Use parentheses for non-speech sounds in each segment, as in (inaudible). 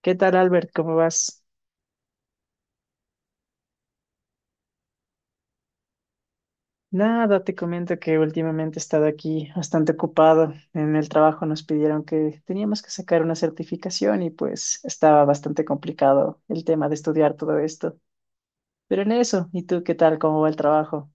¿Qué tal, Albert? ¿Cómo vas? Nada, te comento que últimamente he estado aquí bastante ocupado. En el trabajo nos pidieron que teníamos que sacar una certificación y pues estaba bastante complicado el tema de estudiar todo esto. Pero en eso, ¿y tú qué tal? ¿Cómo va el trabajo?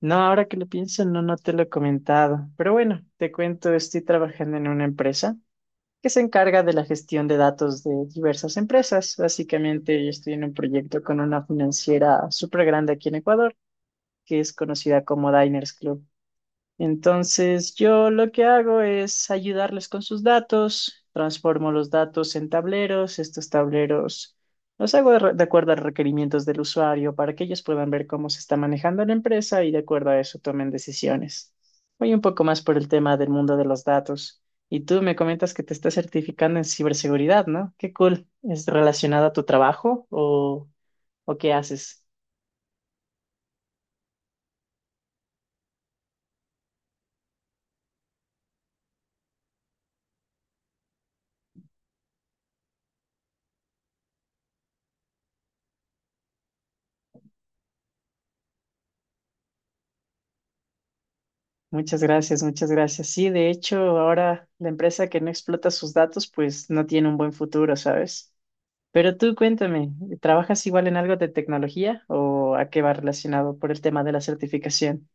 No, ahora que lo pienso, no, te lo he comentado. Pero bueno, te cuento, estoy trabajando en una empresa que se encarga de la gestión de datos de diversas empresas. Básicamente, yo estoy en un proyecto con una financiera súper grande aquí en Ecuador que es conocida como Diners Club. Entonces, yo lo que hago es ayudarles con sus datos, transformo los datos en tableros, estos tableros los hago de acuerdo a requerimientos del usuario para que ellos puedan ver cómo se está manejando la empresa y de acuerdo a eso tomen decisiones. Voy un poco más por el tema del mundo de los datos. Y tú me comentas que te estás certificando en ciberseguridad, ¿no? Qué cool. ¿Es relacionado a tu trabajo o qué haces? Muchas gracias, muchas gracias. Sí, de hecho, ahora la empresa que no explota sus datos, pues no tiene un buen futuro, ¿sabes? Pero tú cuéntame, ¿trabajas igual en algo de tecnología o a qué va relacionado por el tema de la certificación?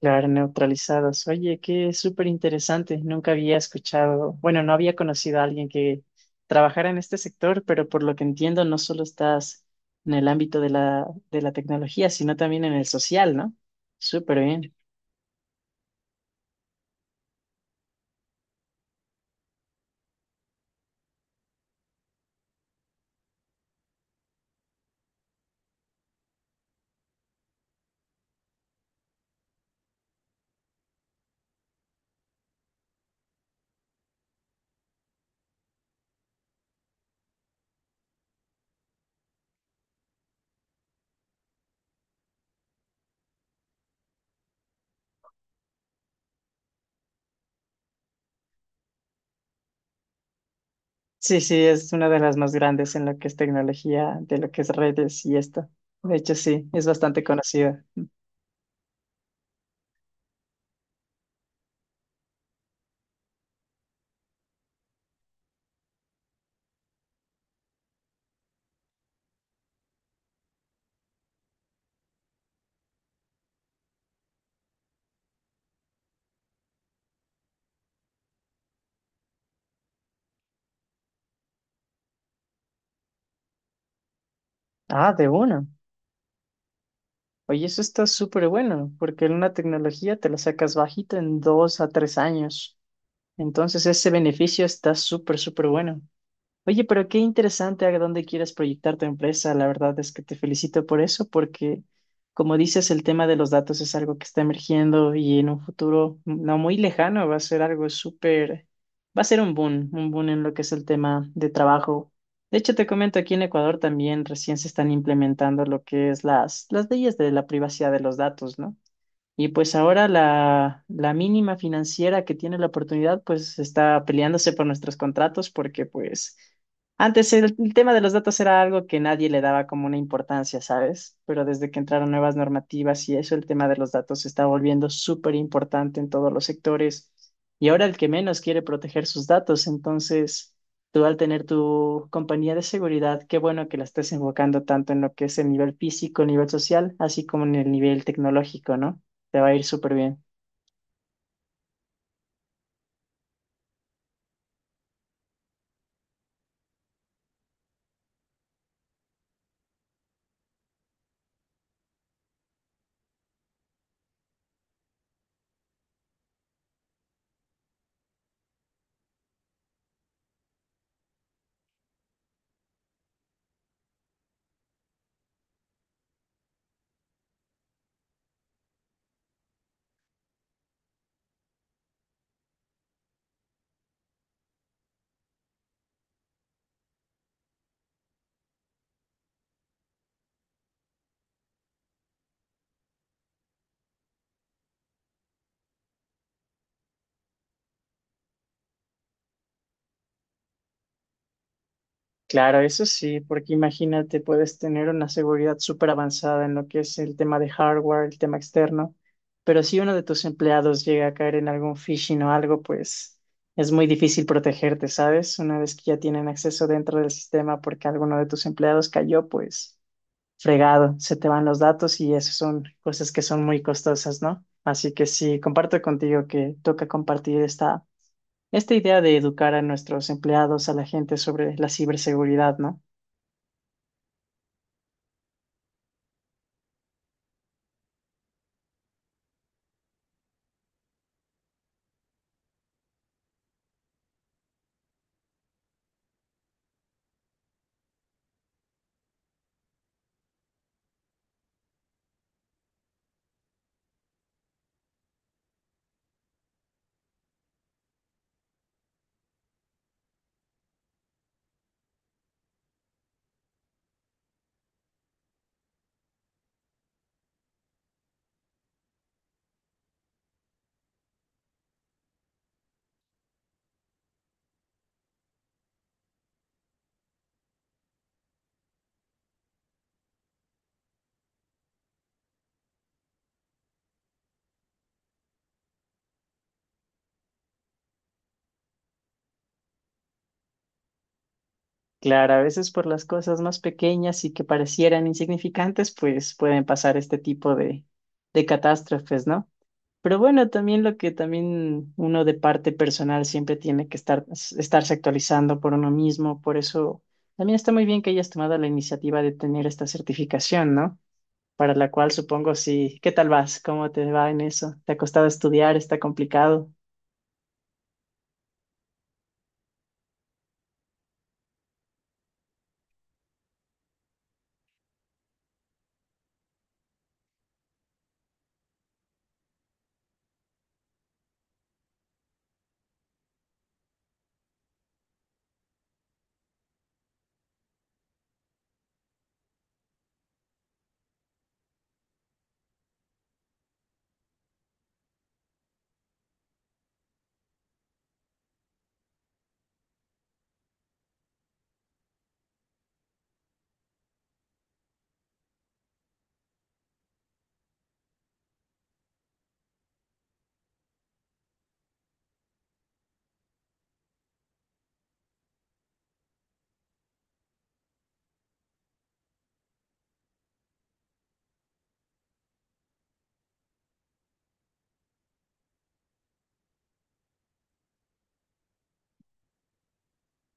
Claro, neutralizados. Oye, qué súper interesante. Nunca había escuchado, bueno, no había conocido a alguien que trabajara en este sector, pero por lo que entiendo, no solo estás en el ámbito de de la tecnología, sino también en el social, ¿no? Súper bien. Sí, sí, es una de las más grandes en lo que es tecnología, de lo que es redes y esto. De hecho, sí, es bastante conocida. Ah, de una. Oye, eso está súper bueno, porque en una tecnología te la sacas bajito en dos a tres años. Entonces, ese beneficio está súper, súper bueno. Oye, pero qué interesante a dónde quieres proyectar tu empresa. La verdad es que te felicito por eso, porque como dices, el tema de los datos es algo que está emergiendo y en un futuro no muy lejano va a ser algo súper, va a ser un boom en lo que es el tema de trabajo. De hecho, te comento, aquí en Ecuador también recién se están implementando lo que es las leyes de la privacidad de los datos, ¿no? Y pues ahora la mínima financiera que tiene la oportunidad, pues está peleándose por nuestros contratos porque pues antes el tema de los datos era algo que nadie le daba como una importancia, ¿sabes? Pero desde que entraron nuevas normativas y eso, el tema de los datos se está volviendo súper importante en todos los sectores. Y ahora el que menos quiere proteger sus datos, entonces tú al tener tu compañía de seguridad, qué bueno que la estés enfocando tanto en lo que es el nivel físico, nivel social, así como en el nivel tecnológico, ¿no? Te va a ir súper bien. Claro, eso sí, porque imagínate, puedes tener una seguridad súper avanzada en lo que es el tema de hardware, el tema externo, pero si uno de tus empleados llega a caer en algún phishing o algo, pues es muy difícil protegerte, ¿sabes? Una vez que ya tienen acceso dentro del sistema porque alguno de tus empleados cayó, pues fregado, se te van los datos y eso son cosas que son muy costosas, ¿no? Así que sí, comparto contigo que toca compartir esta esta idea de educar a nuestros empleados, a la gente sobre la ciberseguridad, ¿no? Claro, a veces por las cosas más pequeñas y que parecieran insignificantes, pues pueden pasar este tipo de catástrofes, ¿no? Pero bueno, también lo que también uno de parte personal siempre tiene que estarse actualizando por uno mismo, por eso también está muy bien que hayas tomado la iniciativa de tener esta certificación, ¿no? Para la cual supongo sí. ¿Qué tal vas? ¿Cómo te va en eso? ¿Te ha costado estudiar? ¿Está complicado?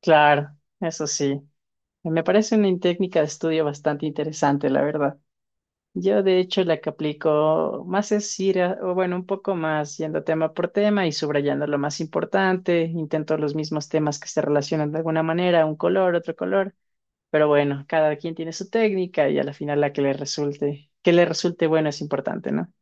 Claro, eso sí. Me parece una técnica de estudio bastante interesante, la verdad. Yo, de hecho, la que aplico más es ir, o bueno, un poco más yendo tema por tema y subrayando lo más importante. Intento los mismos temas que se relacionan de alguna manera, un color, otro color. Pero bueno, cada quien tiene su técnica y a la final la que le resulte bueno es importante, ¿no?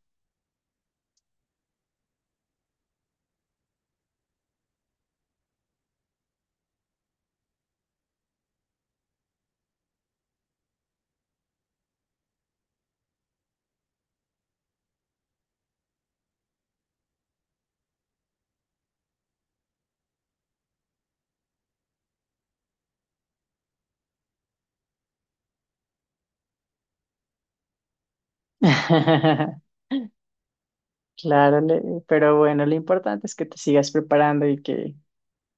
(laughs) Claro, pero bueno, lo importante es que te sigas preparando y que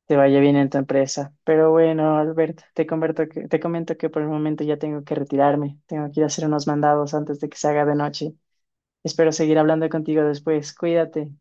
te vaya bien en tu empresa. Pero bueno, Albert, te comento que por el momento ya tengo que retirarme. Tengo que ir a hacer unos mandados antes de que se haga de noche. Espero seguir hablando contigo después. Cuídate.